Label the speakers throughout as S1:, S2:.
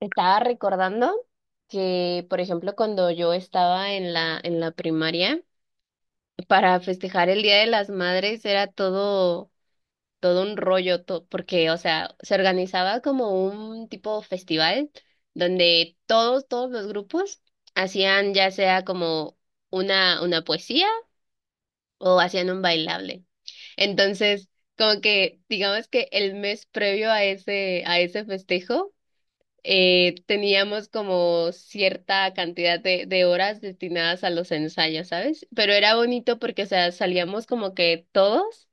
S1: Estaba recordando que, por ejemplo, cuando yo estaba en la primaria, para festejar el Día de las Madres era todo un rollo, porque, o sea, se organizaba como un tipo festival donde todos los grupos hacían ya sea como una poesía o hacían un bailable. Entonces, como que, digamos que el mes previo a ese festejo, teníamos como cierta cantidad de horas destinadas a los ensayos, ¿sabes? Pero era bonito porque, o sea, salíamos como que todos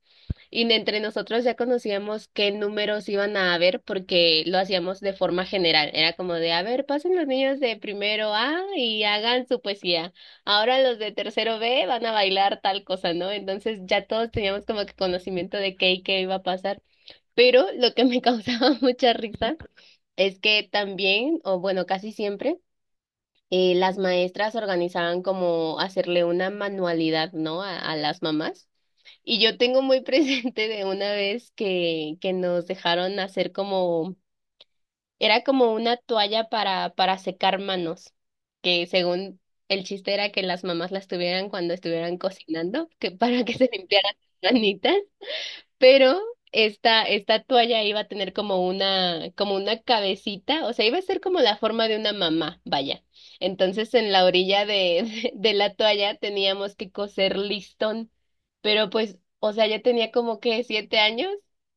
S1: y de entre nosotros ya conocíamos qué números iban a haber porque lo hacíamos de forma general. Era como de, a ver, pasen los niños de primero A y hagan su poesía. Ahora los de tercero B van a bailar tal cosa, ¿no? Entonces ya todos teníamos como que conocimiento de qué y qué iba a pasar. Pero lo que me causaba mucha risa es que también, o bueno, casi siempre, las maestras organizaban como hacerle una manualidad, ¿no? A las mamás. Y yo tengo muy presente de una vez que nos dejaron hacer como, era como una toalla para secar manos, que según el chiste era que las mamás las tuvieran cuando estuvieran cocinando, que para que se limpiaran las manitas. Pero esta toalla iba a tener como una cabecita, o sea, iba a ser como la forma de una mamá, vaya. Entonces, en la orilla de, de, la toalla teníamos que coser listón, pero pues, o sea, ya tenía como que 7 años.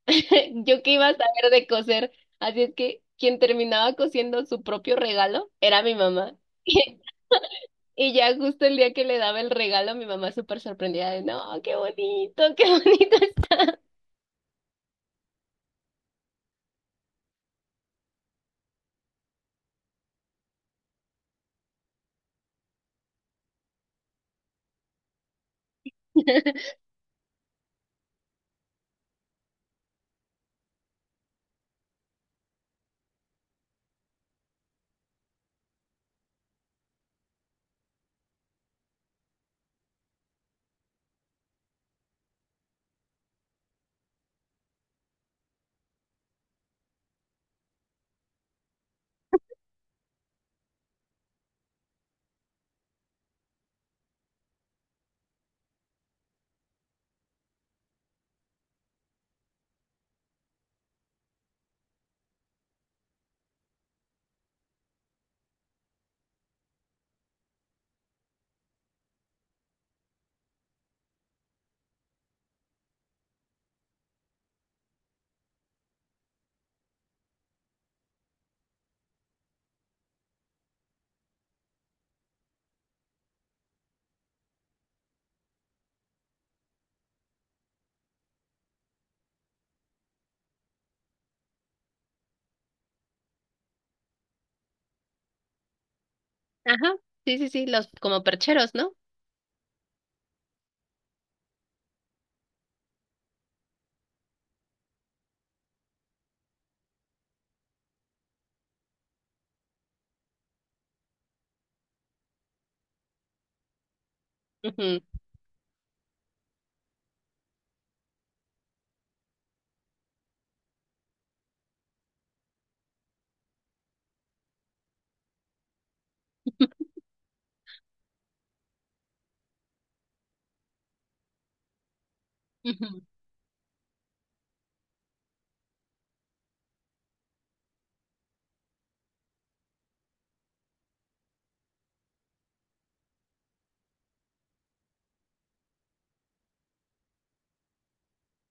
S1: Yo que iba a saber de coser, así es que quien terminaba cosiendo su propio regalo era mi mamá. Y ya justo el día que le daba el regalo, mi mamá súper sorprendida de, no, qué bonito, qué bonito. Ajá, sí, sí, sí, los como percheros, ¿no? Ujú, ujú.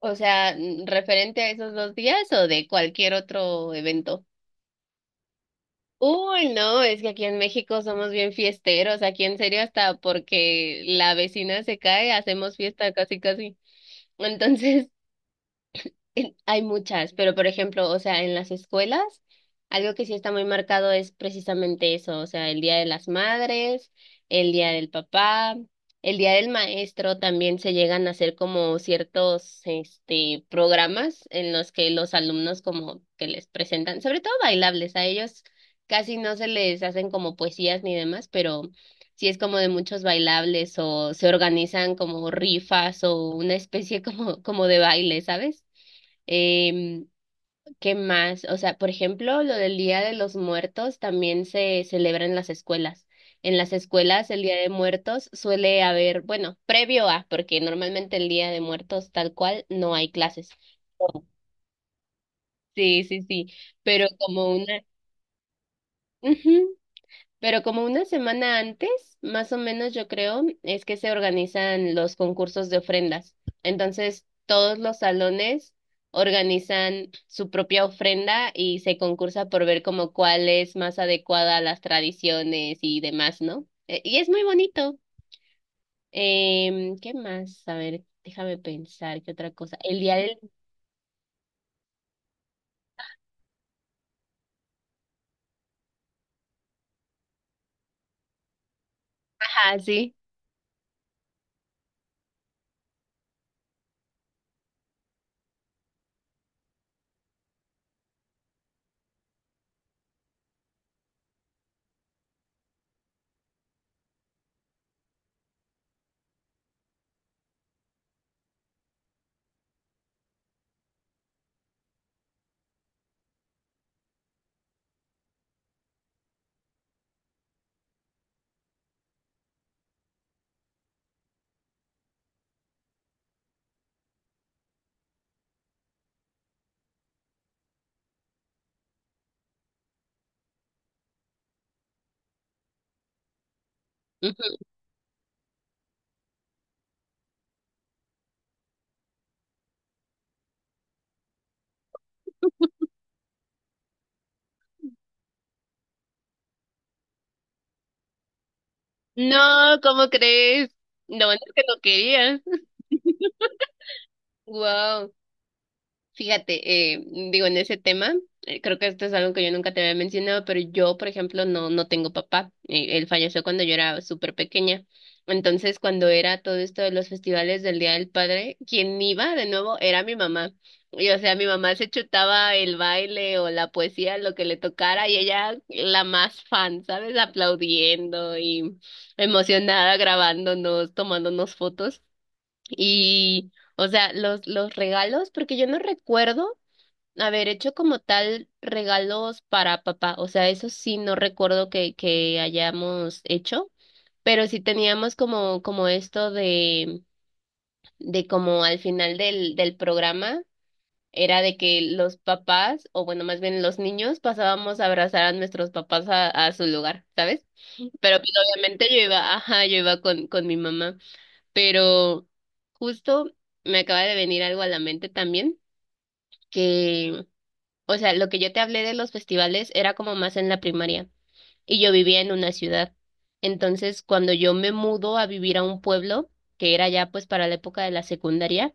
S1: O sea, referente a esos dos días o de cualquier otro evento. Uy, no, es que aquí en México somos bien fiesteros, aquí en serio hasta porque la vecina se cae, hacemos fiesta casi casi. Entonces, hay muchas, pero por ejemplo, o sea, en las escuelas, algo que sí está muy marcado es precisamente eso, o sea, el Día de las Madres, el Día del Papá, el Día del Maestro también se llegan a hacer como ciertos, este, programas en los que los alumnos como que les presentan, sobre todo bailables, a ellos casi no se les hacen como poesías ni demás, pero sí es como de muchos bailables o se organizan como rifas o una especie como, como de baile, ¿sabes? Em, ¿Qué más? O sea, por ejemplo, lo del Día de los Muertos también se celebra en las escuelas. En las escuelas el Día de Muertos suele haber, bueno, previo a, porque normalmente el Día de Muertos tal cual no hay clases. Oh. Sí, sí, sí, pero como una... Ujú. Pero como una semana antes, más o menos yo creo, es que se organizan los concursos de ofrendas. Entonces, todos los salones organizan su propia ofrenda y se concursa por ver como cuál es más adecuada a las tradiciones y demás, ¿no? Y es muy bonito. ¿Qué más? A ver, déjame pensar, ¿qué otra cosa? El día del... Ajá, sí. Ujú. No, ¿cómo crees? No, es que no querías. Wow. Fíjate, digo, en ese tema, creo que esto es algo que yo nunca te había mencionado, pero yo, por ejemplo, no, no tengo papá. Él falleció cuando yo era súper pequeña. Entonces, cuando era todo esto de los festivales del Día del Padre, quien iba de nuevo era mi mamá. Y, o sea, mi mamá se chutaba el baile o la poesía, lo que le tocara, y ella la más fan, ¿sabes? Aplaudiendo y emocionada, grabándonos, tomándonos fotos. Y, o sea, los regalos, porque yo no recuerdo haber hecho como tal regalos para papá. O sea, eso sí no recuerdo que hayamos hecho, pero sí teníamos como, como esto de como al final del programa, era de que los papás, o bueno, más bien los niños, pasábamos a abrazar a nuestros papás a su lugar, ¿sabes? Pero pues obviamente yo iba, ajá, yo iba con mi mamá. Pero justo me acaba de venir algo a la mente también, que, o sea, lo que yo te hablé de los festivales era como más en la primaria y yo vivía en una ciudad. Entonces, cuando yo me mudo a vivir a un pueblo, que era ya pues para la época de la secundaria,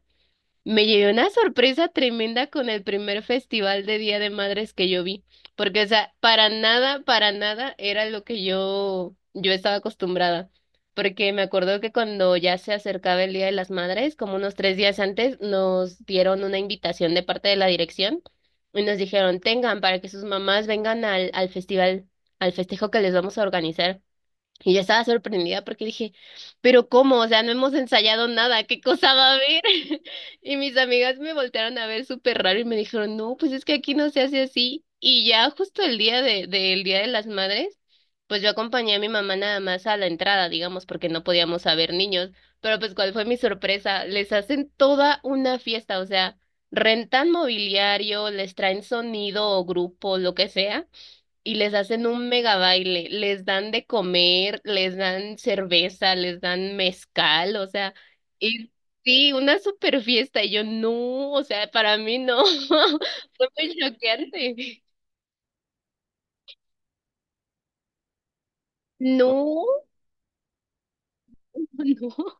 S1: me llevé una sorpresa tremenda con el primer festival de Día de Madres que yo vi, porque, o sea, para nada era lo que yo estaba acostumbrada, porque me acuerdo que cuando ya se acercaba el Día de las Madres, como unos 3 días antes, nos dieron una invitación de parte de la dirección y nos dijeron, tengan para que sus mamás vengan al, al festival, al festejo que les vamos a organizar. Y yo estaba sorprendida porque dije, pero ¿cómo? O sea, no hemos ensayado nada, ¿qué cosa va a haber? Y mis amigas me voltearon a ver súper raro y me dijeron, no, pues es que aquí no se hace así. Y ya justo el día de, del Día de las Madres, pues yo acompañé a mi mamá nada más a la entrada, digamos, porque no podíamos haber niños. Pero pues cuál fue mi sorpresa, les hacen toda una fiesta, o sea, rentan mobiliario, les traen sonido o grupo, lo que sea y les hacen un mega baile, les dan de comer, les dan cerveza, les dan mezcal, o sea, y sí, una super fiesta, y yo no, o sea, para mí no, fue muy choqueante. No, no.